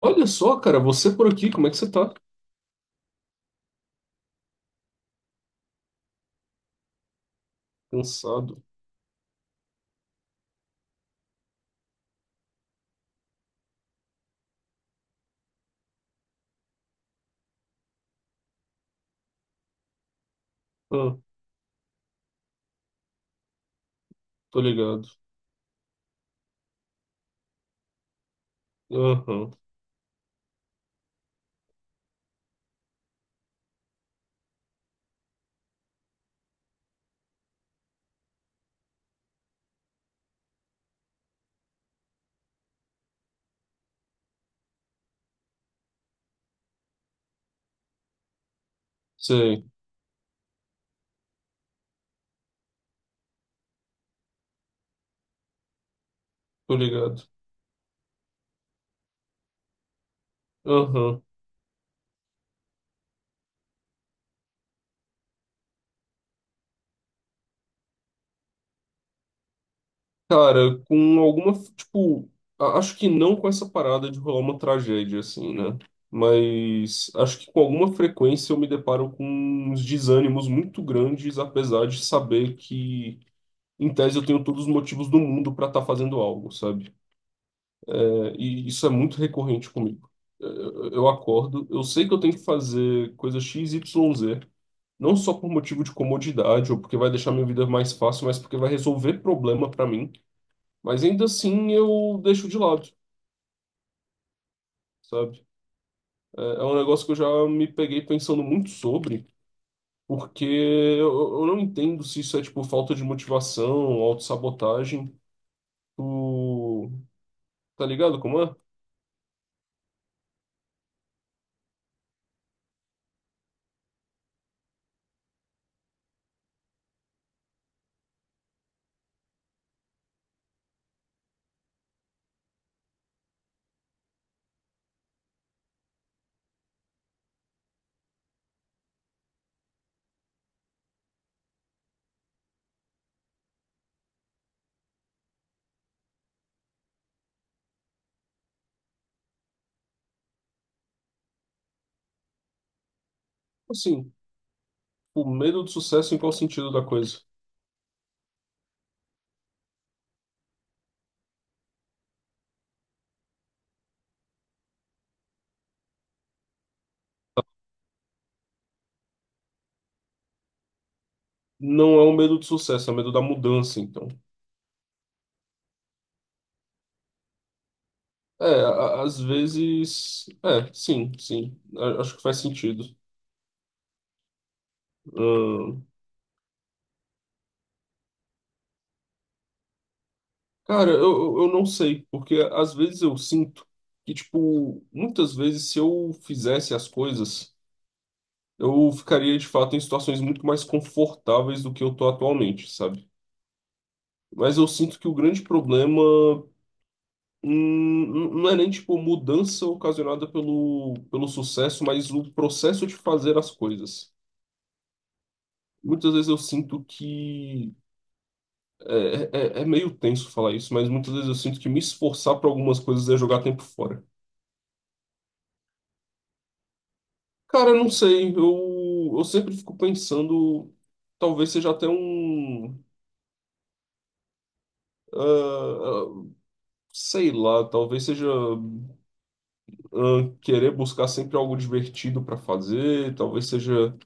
Olha só, cara, você por aqui, como é que você tá? Cansado. Ah, tô ligado. Aham, sei, tô ligado. Aham. Cara, com alguma, tipo, acho que não com essa parada de rolar uma tragédia, assim, né? Mas acho que com alguma frequência eu me deparo com uns desânimos muito grandes, apesar de saber que, em tese, eu tenho todos os motivos do mundo pra estar fazendo algo, sabe? E isso é muito recorrente comigo. Eu acordo, eu sei que eu tenho que fazer coisa X, Y, Z, não só por motivo de comodidade ou porque vai deixar minha vida mais fácil, mas porque vai resolver problema para mim. Mas ainda assim eu deixo de lado, sabe? É um negócio que eu já me peguei pensando muito sobre, porque eu não entendo se isso é tipo falta de motivação, autossabotagem, o... tá ligado como é? Assim, o medo do sucesso em qual sentido da coisa? Não é um medo de sucesso, é um medo da mudança, então. É, às vezes. É, sim, sim. Acho que faz sentido. Ahn, cara, eu não sei, porque às vezes eu sinto que, tipo, muitas vezes se eu fizesse as coisas, eu ficaria de fato em situações muito mais confortáveis do que eu tô atualmente, sabe? Mas eu sinto que o grande problema. Não é nem tipo mudança ocasionada pelo, pelo sucesso, mas o processo de fazer as coisas. Muitas vezes eu sinto que. É meio tenso falar isso, mas muitas vezes eu sinto que me esforçar para algumas coisas é jogar tempo fora. Cara, eu não sei, eu sempre fico pensando. Talvez seja até um. ah, ah, Sei lá, talvez seja querer buscar sempre algo divertido para fazer, talvez seja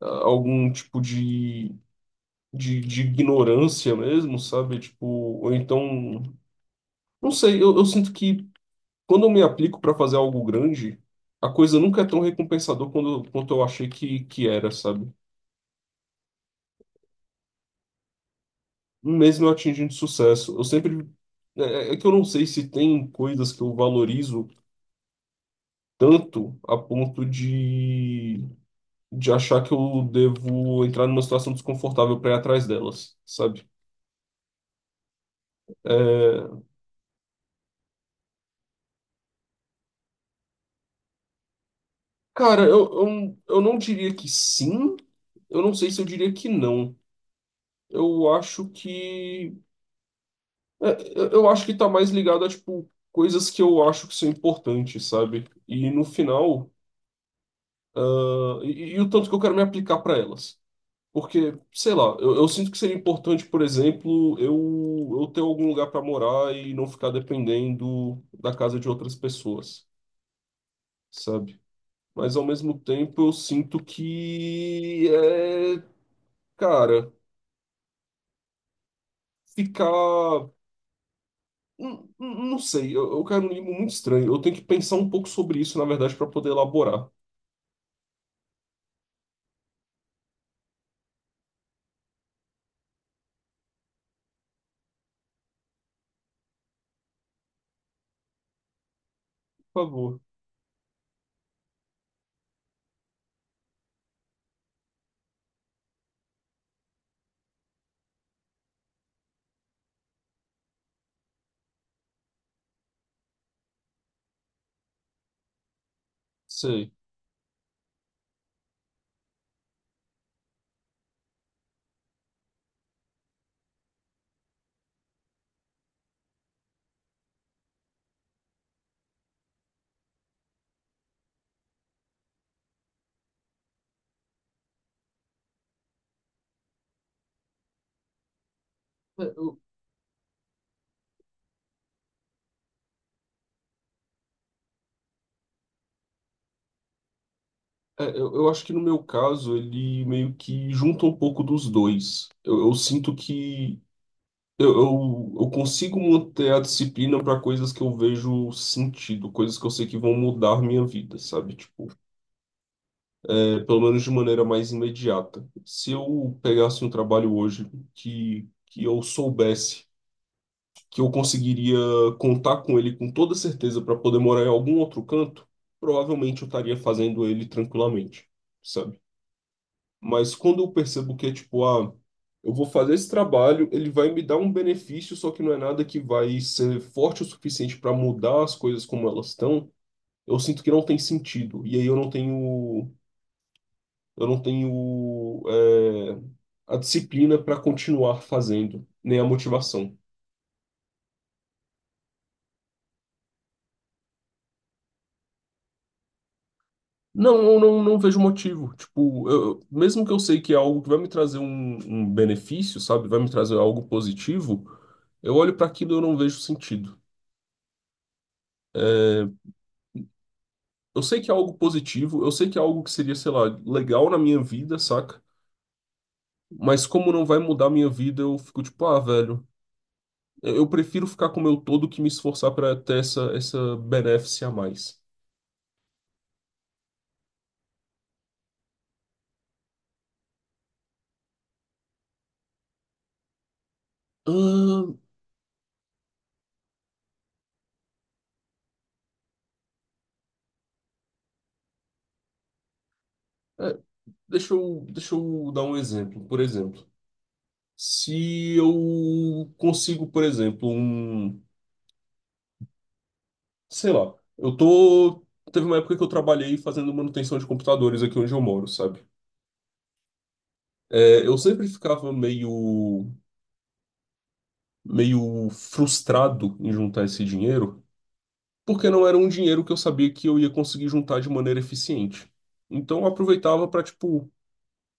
algum tipo de, de ignorância mesmo, sabe? Tipo, ou então. Não sei, eu sinto que. Quando eu me aplico para fazer algo grande, a coisa nunca é tão recompensador quanto eu achei que era, sabe? Mesmo eu atingindo sucesso, eu sempre. É, é que eu não sei se tem coisas que eu valorizo tanto a ponto de achar que eu devo entrar numa situação desconfortável para ir atrás delas, sabe? É, cara, eu não diria que sim, eu não sei se eu diria que não. Eu acho que. É, eu acho que tá mais ligado a, tipo, coisas que eu acho que são importantes, sabe? E no final, e o tanto que eu quero me aplicar para elas. Porque, sei lá, eu sinto que seria importante, por exemplo, eu ter algum lugar para morar e não ficar dependendo da casa de outras pessoas, sabe? Mas ao mesmo tempo eu sinto que é, cara, ficar. Não sei, eu quero um limbo muito estranho. Eu tenho que pensar um pouco sobre isso, na verdade, para poder elaborar. Por favor. Sei. É, Eu, eu acho que no meu caso ele meio que junta um pouco dos dois. Eu sinto que eu consigo manter a disciplina para coisas que eu vejo sentido, coisas que eu sei que vão mudar minha vida, sabe? Tipo, é, pelo menos de maneira mais imediata. Se eu pegasse um trabalho hoje que eu soubesse. Que eu conseguiria contar com ele com toda certeza para poder morar em algum outro canto, provavelmente eu estaria fazendo ele tranquilamente, sabe? Mas quando eu percebo que é tipo, ah, eu vou fazer esse trabalho, ele vai me dar um benefício, só que não é nada que vai ser forte o suficiente para mudar as coisas como elas estão, eu sinto que não tem sentido. E aí eu não tenho, a disciplina para continuar fazendo, nem a motivação. Não, eu não, não vejo motivo. Tipo, mesmo que eu sei que é algo que vai me trazer um benefício, sabe? Vai me trazer algo positivo, eu olho para aquilo e eu não vejo sentido. Eu sei que é algo positivo, eu sei que é algo que seria, sei lá, legal na minha vida, saca? Mas como não vai mudar a minha vida, eu fico tipo, ah, velho, eu prefiro ficar com o meu todo que me esforçar para ter essa, essa benéfice a mais. Ahn, é, Deixa eu, dar um exemplo. Por exemplo. Se eu consigo, por exemplo, um, sei lá, eu tô, teve uma época que eu trabalhei fazendo manutenção de computadores aqui onde eu moro, sabe? É, eu sempre ficava meio frustrado em juntar esse dinheiro, porque não era um dinheiro que eu sabia que eu ia conseguir juntar de maneira eficiente. Então eu aproveitava para, tipo,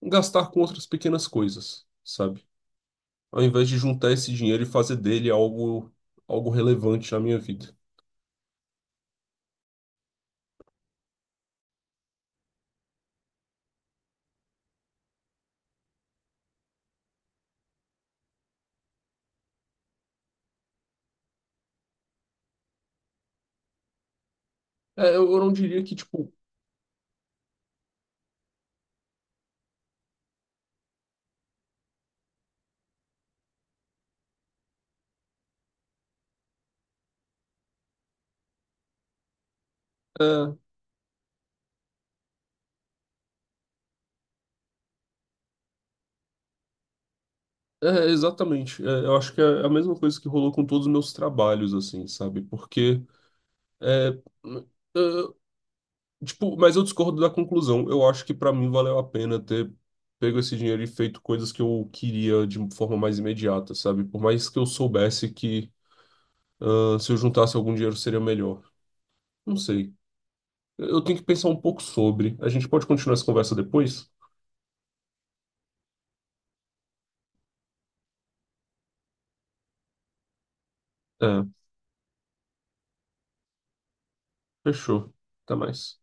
gastar com outras pequenas coisas, sabe? Ao invés de juntar esse dinheiro e fazer dele algo, algo relevante na minha vida. É, eu não diria que, tipo. É, Exatamente. É, eu acho que é a mesma coisa que rolou com todos os meus trabalhos, assim, sabe? Porque, é, é, tipo, mas eu discordo da conclusão. Eu acho que pra mim valeu a pena ter pego esse dinheiro e feito coisas que eu queria de forma mais imediata, sabe? Por mais que eu soubesse que, ah, se eu juntasse algum dinheiro seria melhor. Não sei. Eu tenho que pensar um pouco sobre. A gente pode continuar essa conversa depois? É, fechou. Até mais.